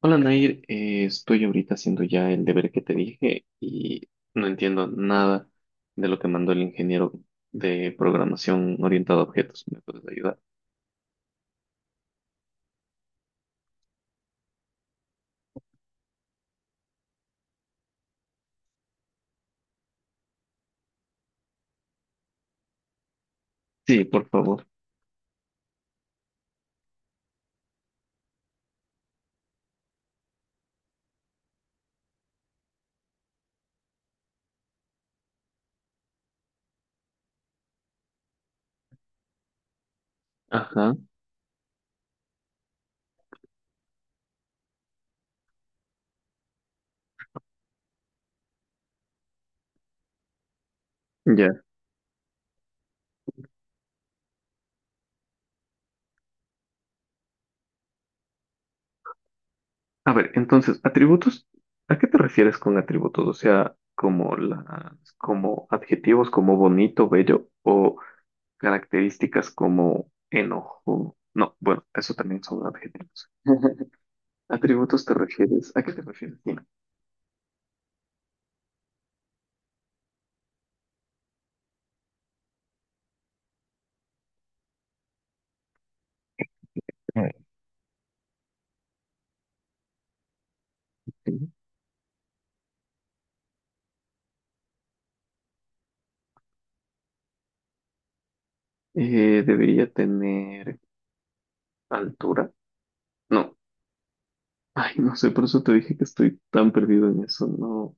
Hola Nair, estoy ahorita haciendo ya el deber que te dije y no entiendo nada de lo que mandó el ingeniero de programación orientado a objetos. ¿Me puedes ayudar? Sí, por favor. Ajá, ya. A ver, entonces, atributos, ¿a qué te refieres con atributos? O sea, como las, como adjetivos como bonito, bello o características como enojo. No, bueno, eso también son adjetivos. ¿Atributos te refieres? ¿A qué te refieres? Dime. Eh, debería tener altura. No. Ay, no sé, por eso te dije que estoy tan perdido en eso. No.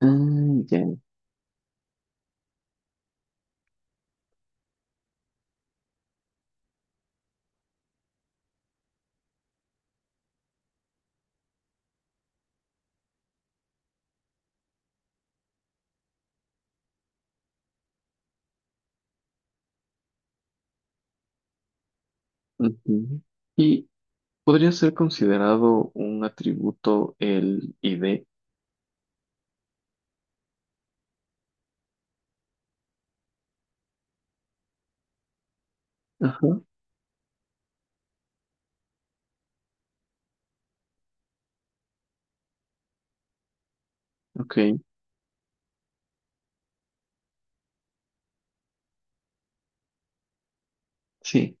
Ah, ya. Ujú. Y podría ser considerado un atributo el ID. Ajá. Ok. Sí.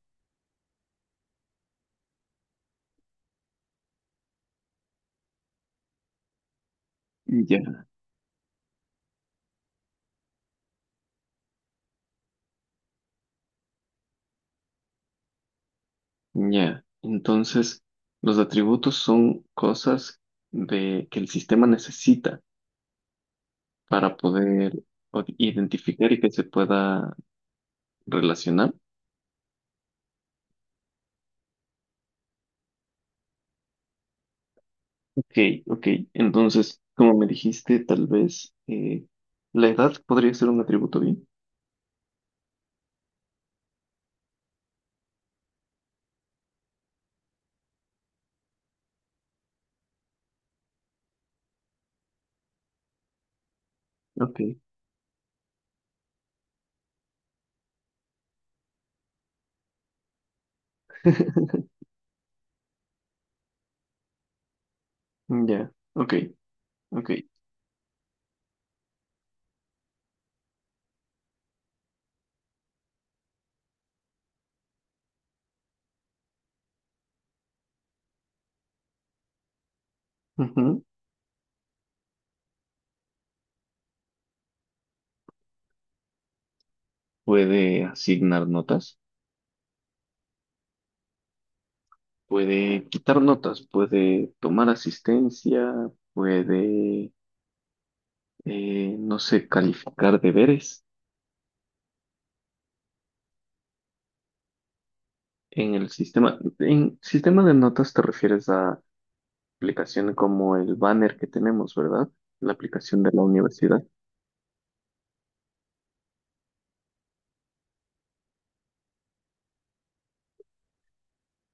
Ya. Ya. Entonces, los atributos son cosas de que el sistema necesita para poder o- identificar y que se pueda relacionar. Ok, ok. Entonces, como me dijiste, tal vez la edad podría ser un atributo bien. Ok. Ya, ok, ok. Ujú. Puede asignar notas, puede quitar notas, puede tomar asistencia, puede, no sé, calificar deberes en el sistema. En sistema de notas te refieres a aplicaciones como el banner que tenemos, ¿verdad? La aplicación de la universidad.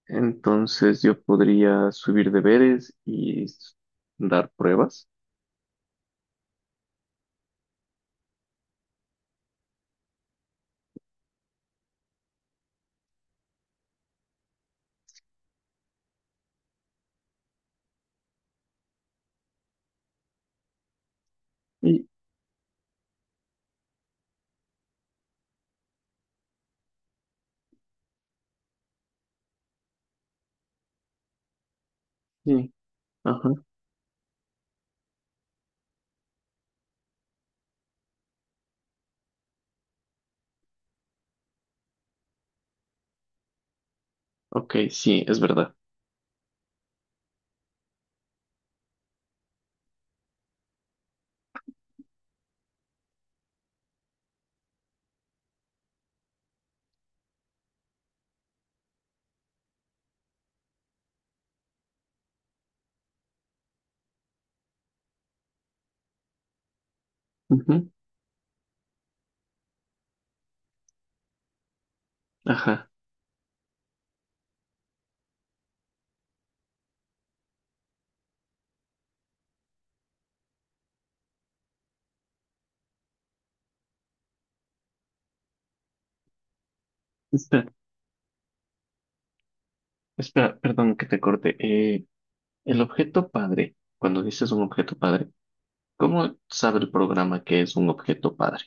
Entonces yo podría subir deberes y s- dar pruebas. Y, sí, ajá, ok, sí, es verdad. Ujú, ajá. Espera, espera, perdón que te corte. El objeto padre, cuando dices un objeto padre, ¿cómo sabe el programa que es un objeto padre?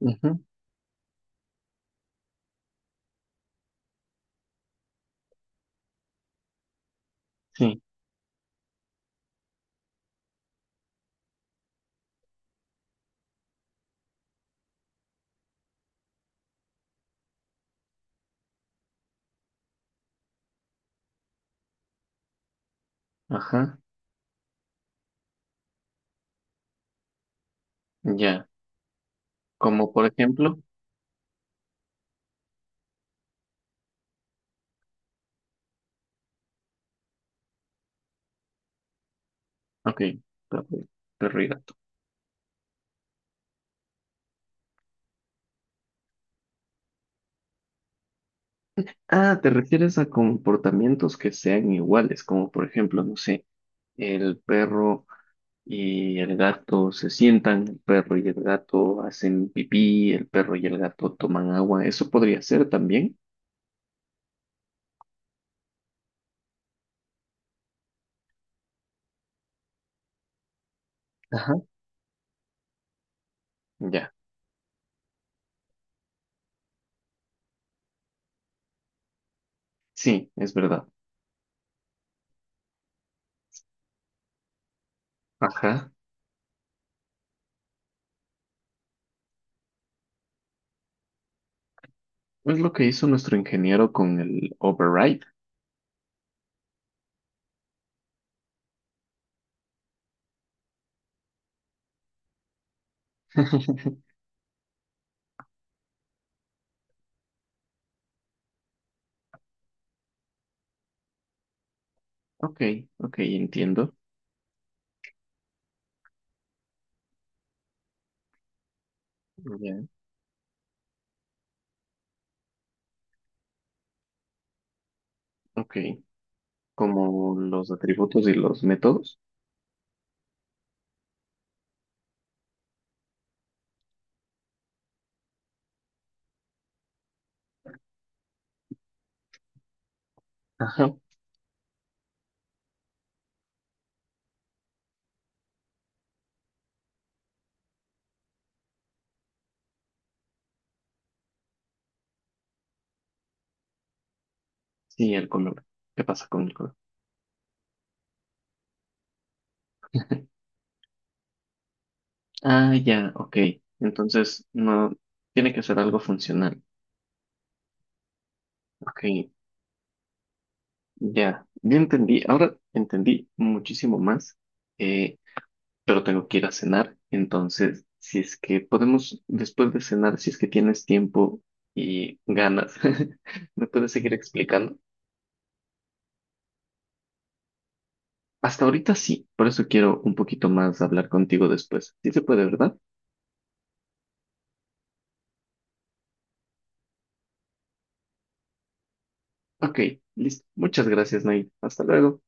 Ujú, sí, ajá, ya. Como por ejemplo, ok, perro perro y gato. Ah, ¿te refieres a comportamientos que sean iguales? Como por ejemplo, no sé, el perro. Y el gato se sientan, el perro y el gato hacen pipí, el perro y el gato toman agua. Eso podría ser también. Ajá. Ya, sí, es verdad. Ajá. Es lo que hizo nuestro ingeniero con el override. Ok, ok, entiendo. Ya. Ok, como los atributos y los métodos. Ajá. Sí, el color. ¿Qué pasa con el color? Ah, ya, ok. Entonces, no, tiene que ser algo funcional. Ok, ya, ya entendí. Ahora entendí muchísimo más, eh, pero tengo que ir a cenar. Entonces, si es que podemos, después de cenar, si es que tienes tiempo y ganas, ¿me puedes seguir explicando? Hasta ahorita sí, por eso quiero un poquito más hablar contigo después. Sí se puede, ¿verdad? Ok, listo. Muchas gracias, Nay. Hasta luego.